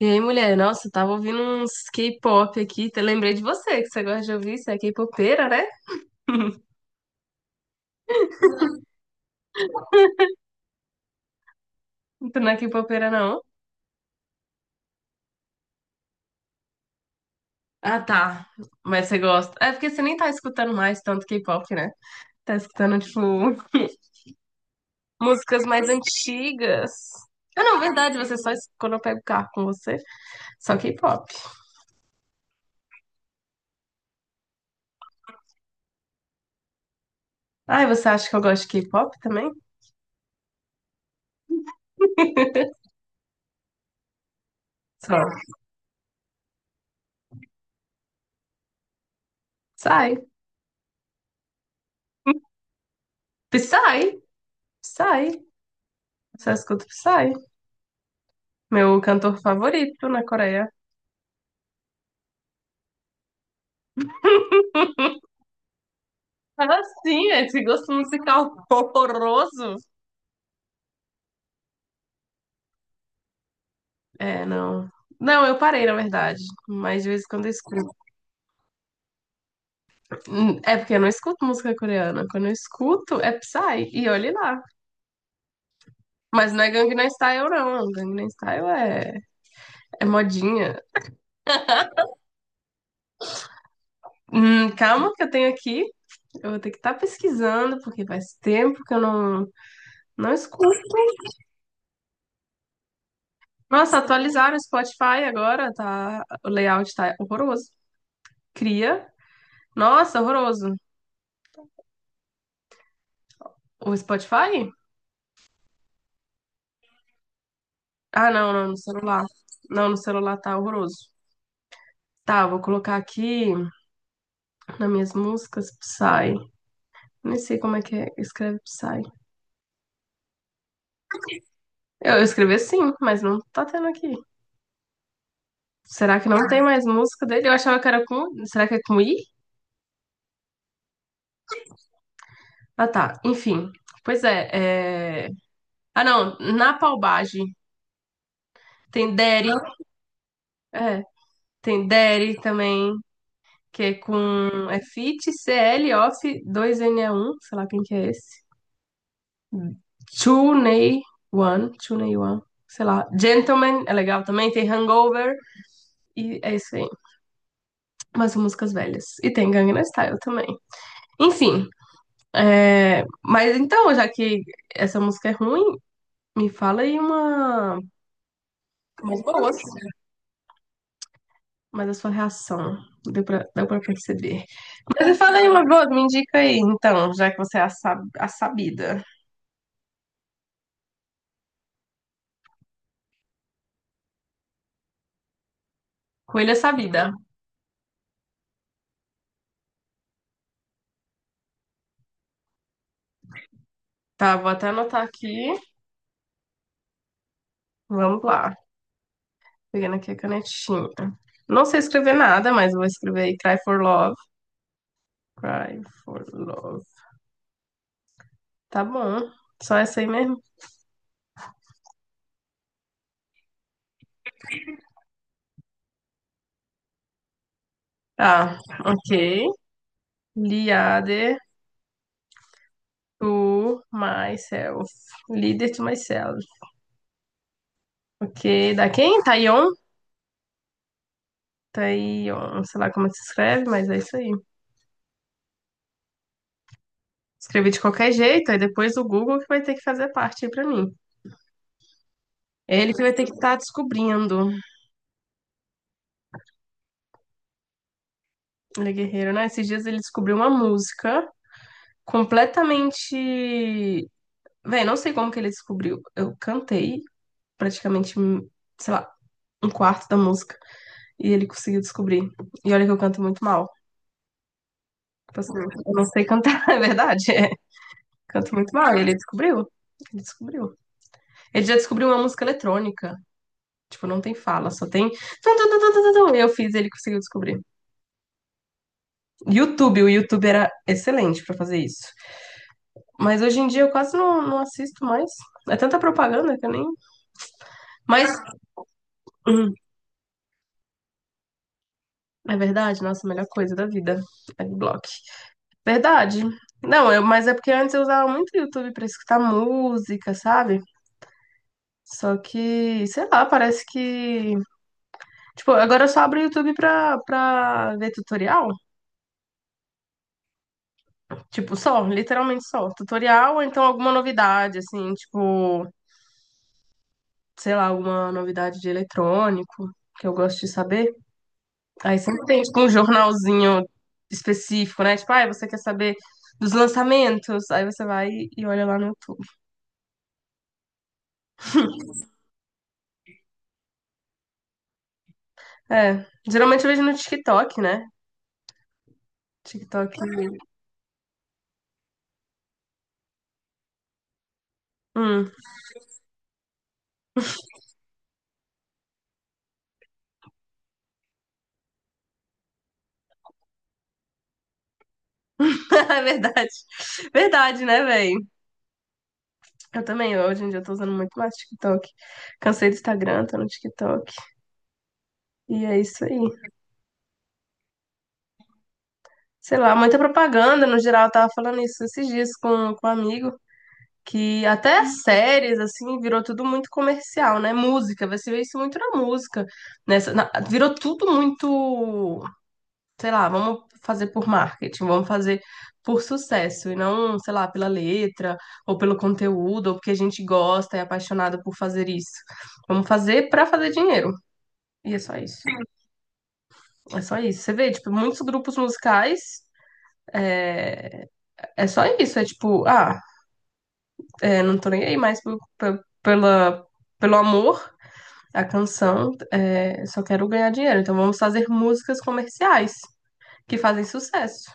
E aí, mulher? Nossa, eu tava ouvindo uns K-pop aqui. Te lembrei de você, que você gosta de ouvir. Você é K-popeira, né? Tu não é K-popeira, não? Ah, tá. Mas você gosta. É porque você nem tá escutando mais tanto K-pop, né? Tá escutando, tipo, músicas mais antigas. Ah, não, verdade, você só escuta quando eu pego o carro com você, só K-pop. Ai, você acha que eu gosto de K-pop também? Só. Psy. Psy. Psy. Só escuto Psy. Meu cantor favorito na Coreia. Ah, sim, é, esse gosto musical horroroso. É, não. Não, eu parei, na verdade. Mas de vez em quando eu escuto. É porque eu não escuto música coreana. Quando eu escuto, é Psy. E olhe lá. Mas não é Gangnam Style, não. Gangnam Style é modinha. Calma que eu tenho aqui. Eu vou ter que estar pesquisando, porque faz tempo que eu não escuto. Nossa, atualizaram o Spotify agora, tá? O layout tá horroroso. Cria. Nossa, horroroso. O Spotify? Ah, não, não, no celular. Não, no celular tá horroroso. Tá, vou colocar aqui nas minhas músicas Psy. Nem sei como é que é, escreve Psy. Eu escrevi sim, mas não tá tendo aqui. Será que não tem mais música dele? Eu achava que era com. Será que é com I? Ah, tá. Enfim. Pois é. Ah, não. Na Palbagem tem Derry. É, tem Derry também, que é com. É Fit CL Off 2NE1. Sei lá quem que é esse. Chunei Wan, Chunei Wan, sei lá. Gentleman é legal também, tem Hangover e é isso aí. Mas músicas velhas. E tem Gangnam Style também. Enfim, é, mas então, já que essa música é ruim, me fala aí uma mais boa. Mas a sua reação deu pra perceber. Mas me fala aí uma boa, me indica aí, então, já que você é a sabida. Coelha sabida. Tá, vou até anotar aqui. Vamos lá. Pegando aqui a canetinha. Não sei escrever nada, mas vou escrever aí Cry for Love. Cry for Love. Tá bom. Só essa aí mesmo. Tá, ok. Liade to myself. Leader to myself. Ok. Da quem? Taeyeon? Taeyeon. Sei lá como é que se escreve, mas é isso aí. Escrevi de qualquer jeito, aí depois o Google que vai ter que fazer parte aí pra mim. É ele que vai ter que estar tá descobrindo. Ele é guerreiro, né? Esses dias ele descobriu uma música completamente. Véi, não sei como que ele descobriu. Eu cantei praticamente, sei lá, um quarto da música e ele conseguiu descobrir. E olha que eu canto muito mal. Tipo assim, eu não sei cantar, é verdade. É. Canto muito mal. E ele descobriu. Ele descobriu. Ele já descobriu uma música eletrônica. Tipo, não tem fala, só tem tum, tum, tum, tum, tum, tum. Eu fiz, ele conseguiu descobrir. YouTube, o YouTube era excelente pra fazer isso. Mas hoje em dia eu quase não assisto mais. É tanta propaganda que eu nem. Mas hum, é verdade, nossa, a melhor coisa da vida, Adblock. Verdade. Não, eu, mas é porque antes eu usava muito o YouTube pra escutar música, sabe? Só que, sei lá, parece que. Tipo, agora eu só abro o YouTube pra ver tutorial. Tipo, só, literalmente só. Tutorial ou então alguma novidade, assim, tipo, sei lá, alguma novidade de eletrônico que eu gosto de saber. Aí você não tem, tipo, um jornalzinho específico, né? Tipo, ah, você quer saber dos lançamentos? Aí você vai e olha lá no YouTube. É, geralmente eu vejo no TikTok, né? TikTok. Hum, é verdade. Verdade, né, véi? Eu também, hoje em dia eu tô usando muito mais TikTok. Cansei do Instagram, tô no TikTok. E é isso aí. Sei lá, muita propaganda no geral. Eu tava falando isso esses dias com um amigo. Que até as séries, assim, virou tudo muito comercial, né? Música, você vê isso muito na música, virou tudo muito, sei lá, vamos fazer por marketing, vamos fazer por sucesso, e não, sei lá, pela letra, ou pelo conteúdo, ou porque a gente gosta, é apaixonado por fazer isso. Vamos fazer pra fazer dinheiro, e é só isso. É só isso. Você vê, tipo, muitos grupos musicais, é só isso, é tipo, ah, é, não tô nem aí mais pelo amor. A canção é Só Quero Ganhar Dinheiro, então vamos fazer músicas comerciais que fazem sucesso.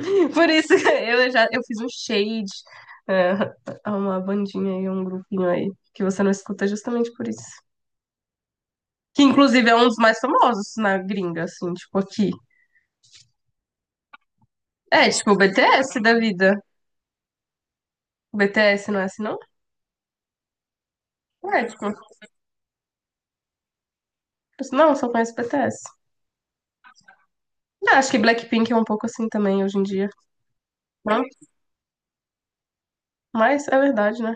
Por isso que eu já eu fiz um shade a uma bandinha aí, um grupinho aí, que você não escuta justamente por isso. Que inclusive é um dos mais famosos na gringa, assim, tipo aqui. É, tipo o BTS da vida. O BTS não é assim, não? É, tipo, não, só conheço o BTS. Eu acho que Blackpink é um pouco assim também hoje em dia. Não? Mas é verdade, né?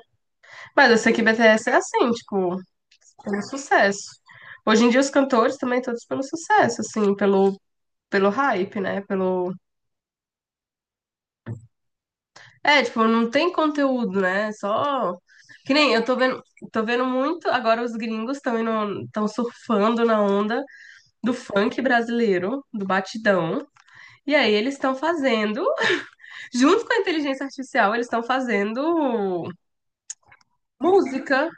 Mas eu sei que BTS é assim, tipo, pelo sucesso. Hoje em dia os cantores também todos pelo sucesso, assim, pelo pelo hype, né? Pelo é, tipo, não tem conteúdo, né? Só que nem eu tô vendo muito agora os gringos estão surfando na onda do funk brasileiro, do batidão. E aí eles estão fazendo, junto com a inteligência artificial, eles estão fazendo música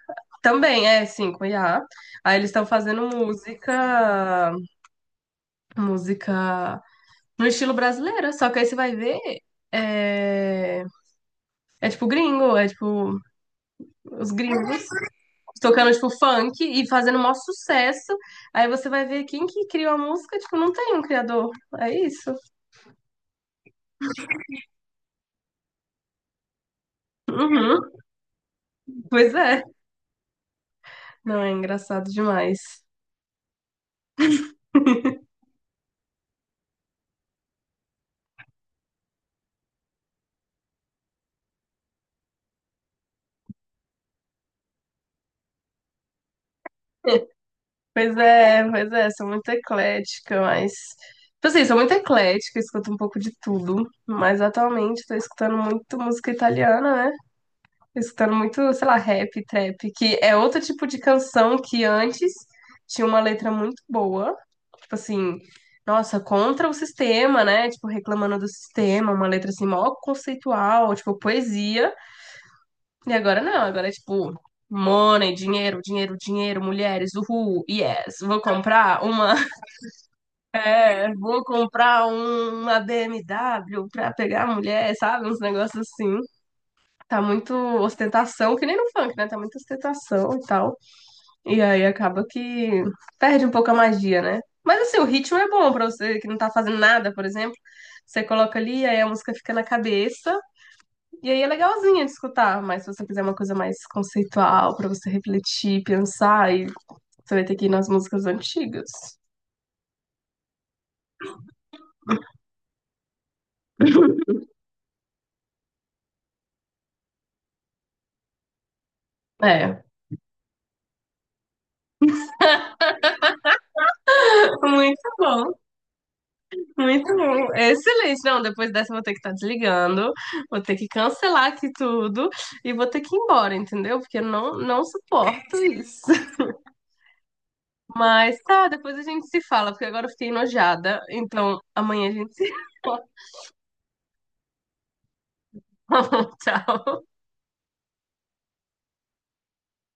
também, é, sim, com IA. Aí eles estão fazendo música, música no estilo brasileiro, só que aí você vai ver. É, é tipo gringo, é tipo os gringos tocando tipo funk e fazendo o maior sucesso. Aí você vai ver quem que criou a música, tipo, não tem um criador. É isso. Uhum, pois é. Não, é engraçado demais. Pois é, sou muito eclética, mas. Tipo assim, sou muito eclética, escuto um pouco de tudo. Mas atualmente tô escutando muito música italiana, né? Escutando muito, sei lá, rap, trap, que é outro tipo de canção que antes tinha uma letra muito boa, tipo assim, nossa, contra o sistema, né? Tipo, reclamando do sistema, uma letra assim, mó conceitual, tipo, poesia. E agora não, agora é tipo, money, dinheiro, dinheiro, dinheiro, mulheres, uhul, yes, vou comprar uma, é, vou comprar uma BMW pra pegar a mulher, sabe? Uns negócios assim. Tá muito ostentação, que nem no funk, né? Tá muita ostentação e tal. E aí acaba que perde um pouco a magia, né? Mas assim, o ritmo é bom pra você que não tá fazendo nada, por exemplo. Você coloca ali, aí a música fica na cabeça, e aí é legalzinha de escutar. Mas se você quiser uma coisa mais conceitual, pra você refletir, pensar, aí você vai ter que ir nas músicas antigas. É. Muito bom, muito bom. Excelente. Não, depois dessa eu vou ter que estar desligando, vou ter que cancelar aqui tudo e vou ter que ir embora, entendeu? Porque eu não, não suporto isso. Mas tá, depois a gente se fala, porque agora eu fiquei enojada. Então, amanhã a gente se fala. Tchau.